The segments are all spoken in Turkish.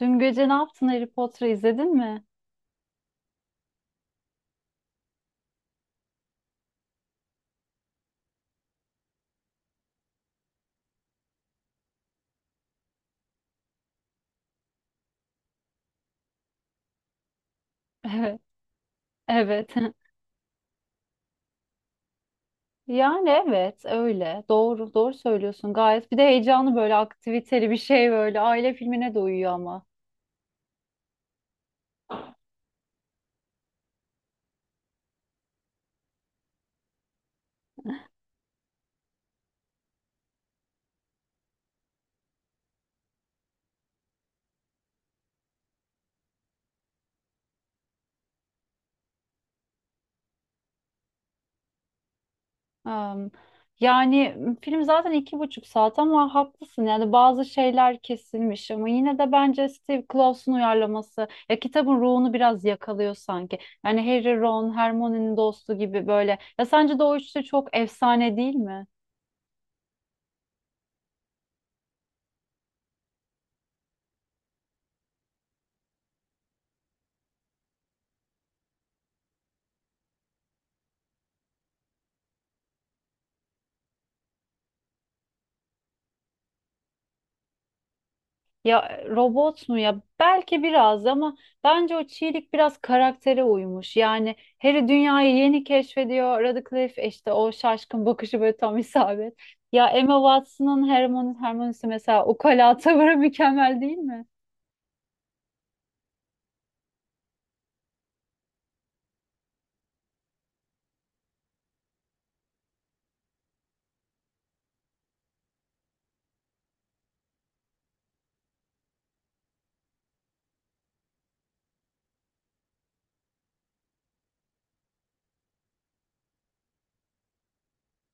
Dün gece ne yaptın, Harry Potter'ı izledin mi? Evet. Evet. Yani evet öyle. Doğru söylüyorsun gayet. Bir de heyecanlı böyle aktiviteli bir şey böyle. Aile filmine de uyuyor ama. Am, yani film zaten iki buçuk saat ama haklısın. Yani bazı şeyler kesilmiş ama yine de bence Steve Claus'un uyarlaması ya kitabın ruhunu biraz yakalıyor sanki. Yani Harry, Ron, Hermione'nin dostu gibi böyle. Ya sence de o üçlü çok efsane değil mi? Ya robot mu ya? Belki biraz ama bence o çiğlik biraz karaktere uymuş. Yani Harry dünyayı yeni keşfediyor. Radcliffe işte o şaşkın bakışı böyle tam isabet. Ya Emma Watson'ın Hermione'si mesela ukala tavırı mükemmel değil mi?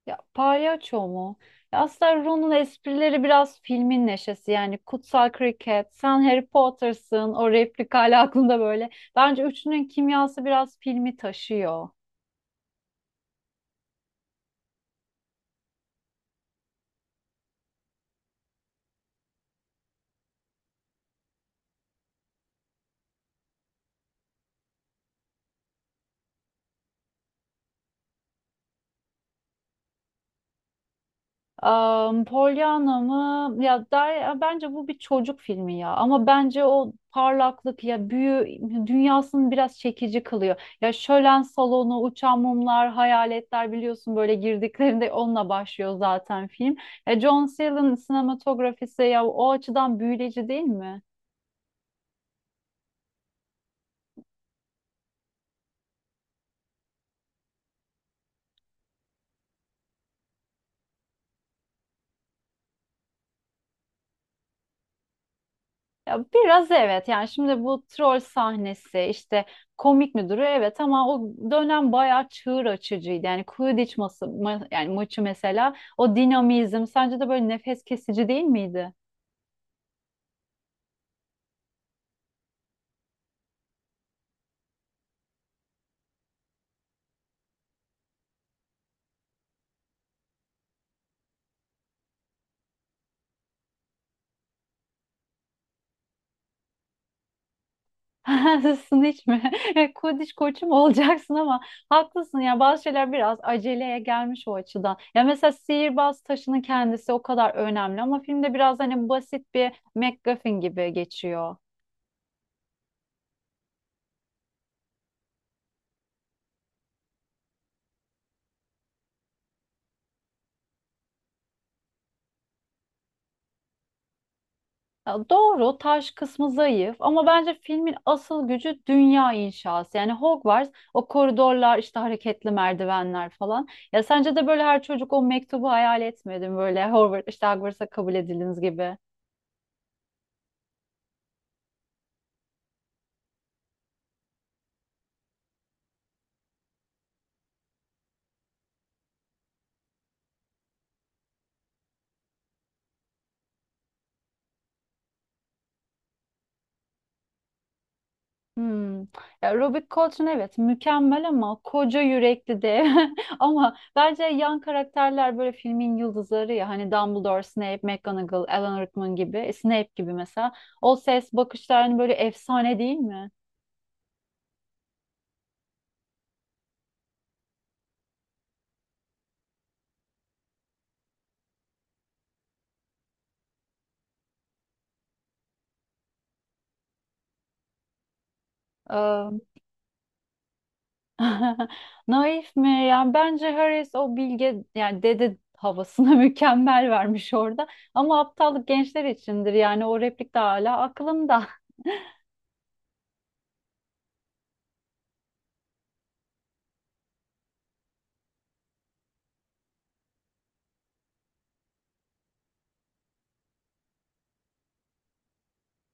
Ya palyaço mu? Ya aslında Ron'un esprileri biraz filmin neşesi, yani kutsal kriket, sen Harry Potter'sın, o replik hala aklımda böyle. Bence üçünün kimyası biraz filmi taşıyor. Pollyanna mı? Ya der, ya bence bu bir çocuk filmi ya. Ama bence o parlaklık ya büyü dünyasını biraz çekici kılıyor. Ya şölen salonu, uçan mumlar, hayaletler, biliyorsun böyle girdiklerinde onunla başlıyor zaten film. John Sayle'ın sinematografisi ya o açıdan büyüleyici değil mi? Ya biraz evet, yani şimdi bu troll sahnesi işte komik mi duruyor, evet, ama o dönem bayağı çığır açıcıydı. Yani Quidditch yani maçı mesela, o dinamizm sence de böyle nefes kesici değil miydi? Haklısın, hiç mi? Quidditch koçu mu olacaksın, ama haklısın ya, bazı şeyler biraz aceleye gelmiş o açıdan. Ya mesela sihirbaz taşının kendisi o kadar önemli ama filmde biraz hani basit bir MacGuffin gibi geçiyor. Ya doğru, taş kısmı zayıf ama bence filmin asıl gücü dünya inşası. Yani Hogwarts, o koridorlar, işte hareketli merdivenler falan. Ya sence de böyle her çocuk o mektubu hayal etmedi? Böyle Hogwarts, işte Hogwarts'a kabul ediliniz gibi. Hmm. Ya Robert Coltrane evet mükemmel, ama koca yürekli de. Ama bence yan karakterler böyle filmin yıldızları ya. Hani Dumbledore, Snape, McGonagall, Alan Rickman gibi. Snape gibi mesela. O ses, bakışlar, hani böyle efsane değil mi? Naif mi? Yani bence Harris o bilge yani dede havasına mükemmel vermiş orada. Ama aptallık gençler içindir, yani o replik de hala aklımda.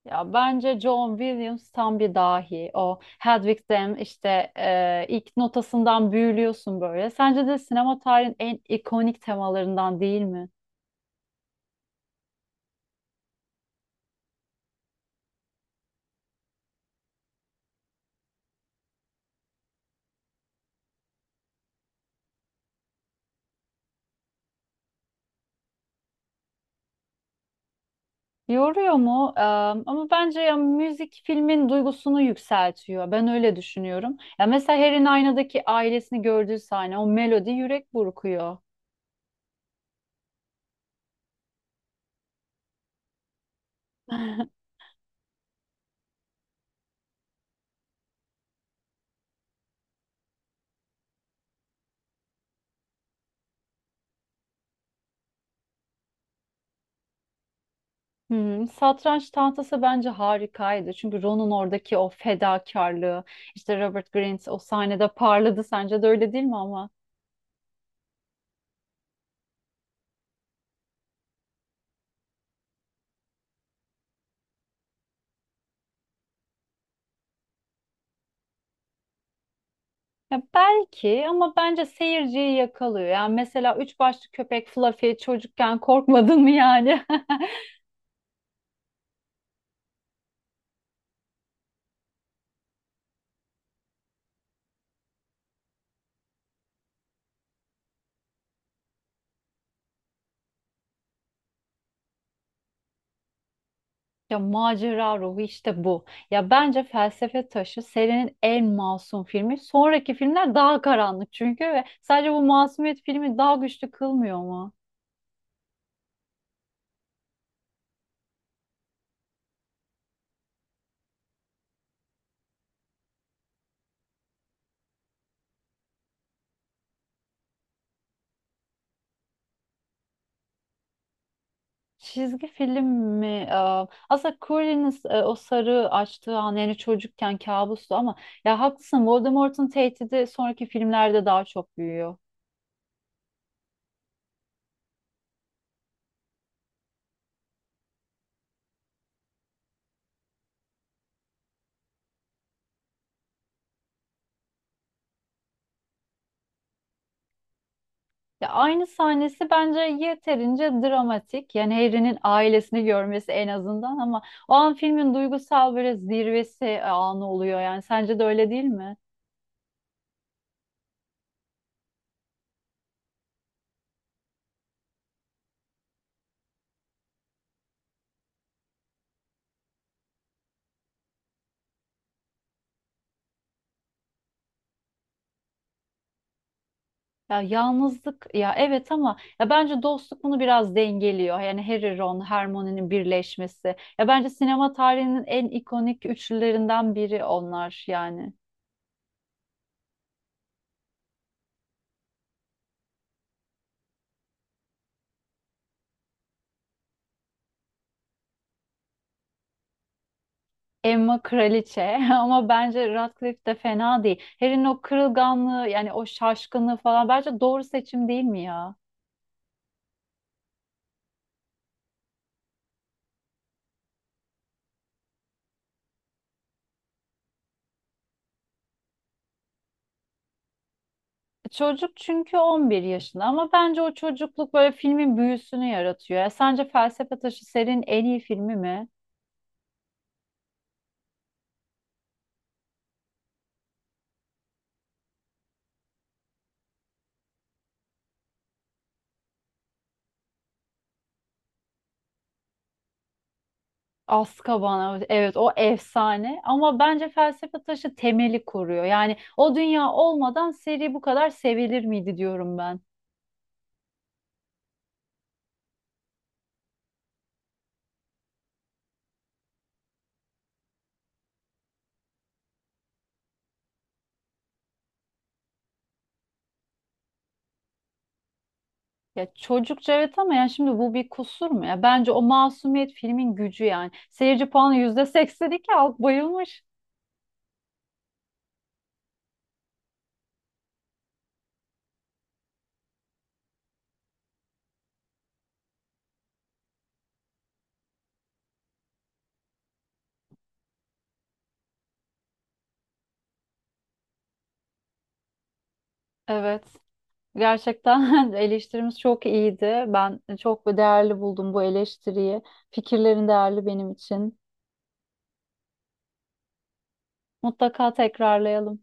Ya bence John Williams tam bir dahi. O Hedwig'den işte ilk notasından büyülüyorsun böyle. Sence de sinema tarihinin en ikonik temalarından değil mi? Yoruyor mu? Ama bence ya müzik filmin duygusunu yükseltiyor. Ben öyle düşünüyorum. Ya mesela Harry'nin aynadaki ailesini gördüğü sahne, o melodi yürek burkuyor. Hmm, satranç tahtası bence harikaydı. Çünkü Ron'un oradaki o fedakarlığı, işte Robert Grint o sahnede parladı. Sence de öyle değil mi ama? Ya belki, ama bence seyirciyi yakalıyor. Yani mesela üç başlı köpek Fluffy, çocukken korkmadın mı yani? Ya macera ruhu işte bu. Ya bence Felsefe Taşı serinin en masum filmi. Sonraki filmler daha karanlık çünkü, ve sadece bu masumiyet filmi daha güçlü kılmıyor mu? Çizgi film mi? Aslında Colin'in o sarı açtığı an, yani çocukken kabustu ama ya haklısın, Voldemort'un tehdidi sonraki filmlerde daha çok büyüyor. Ya aynı sahnesi bence yeterince dramatik. Yani Harry'nin ailesini görmesi en azından, ama o an filmin duygusal böyle zirvesi anı oluyor. Yani sence de öyle değil mi? Ya yalnızlık ya evet, ama ya bence dostluk bunu biraz dengeliyor. Yani Harry, Ron, Hermione'nin birleşmesi. Ya bence sinema tarihinin en ikonik üçlülerinden biri onlar yani. Emma kraliçe ama bence Radcliffe de fena değil. Harry'nin o kırılganlığı yani o şaşkınlığı falan bence doğru seçim değil mi ya? Çocuk çünkü 11 yaşında ama bence o çocukluk böyle filmin büyüsünü yaratıyor. Ya sence Felsefe Taşı serinin en iyi filmi mi? Azkaban evet o efsane, ama bence Felsefe Taşı temeli koruyor. Yani o dünya olmadan seri bu kadar sevilir miydi diyorum ben. Ya çocukça evet, ama yani şimdi bu bir kusur mu ya? Bence o masumiyet filmin gücü yani. Seyirci puanı %82, halk bayılmış. Evet. Gerçekten eleştirimiz çok iyiydi. Ben çok değerli buldum bu eleştiriyi. Fikirlerin değerli benim için. Mutlaka tekrarlayalım.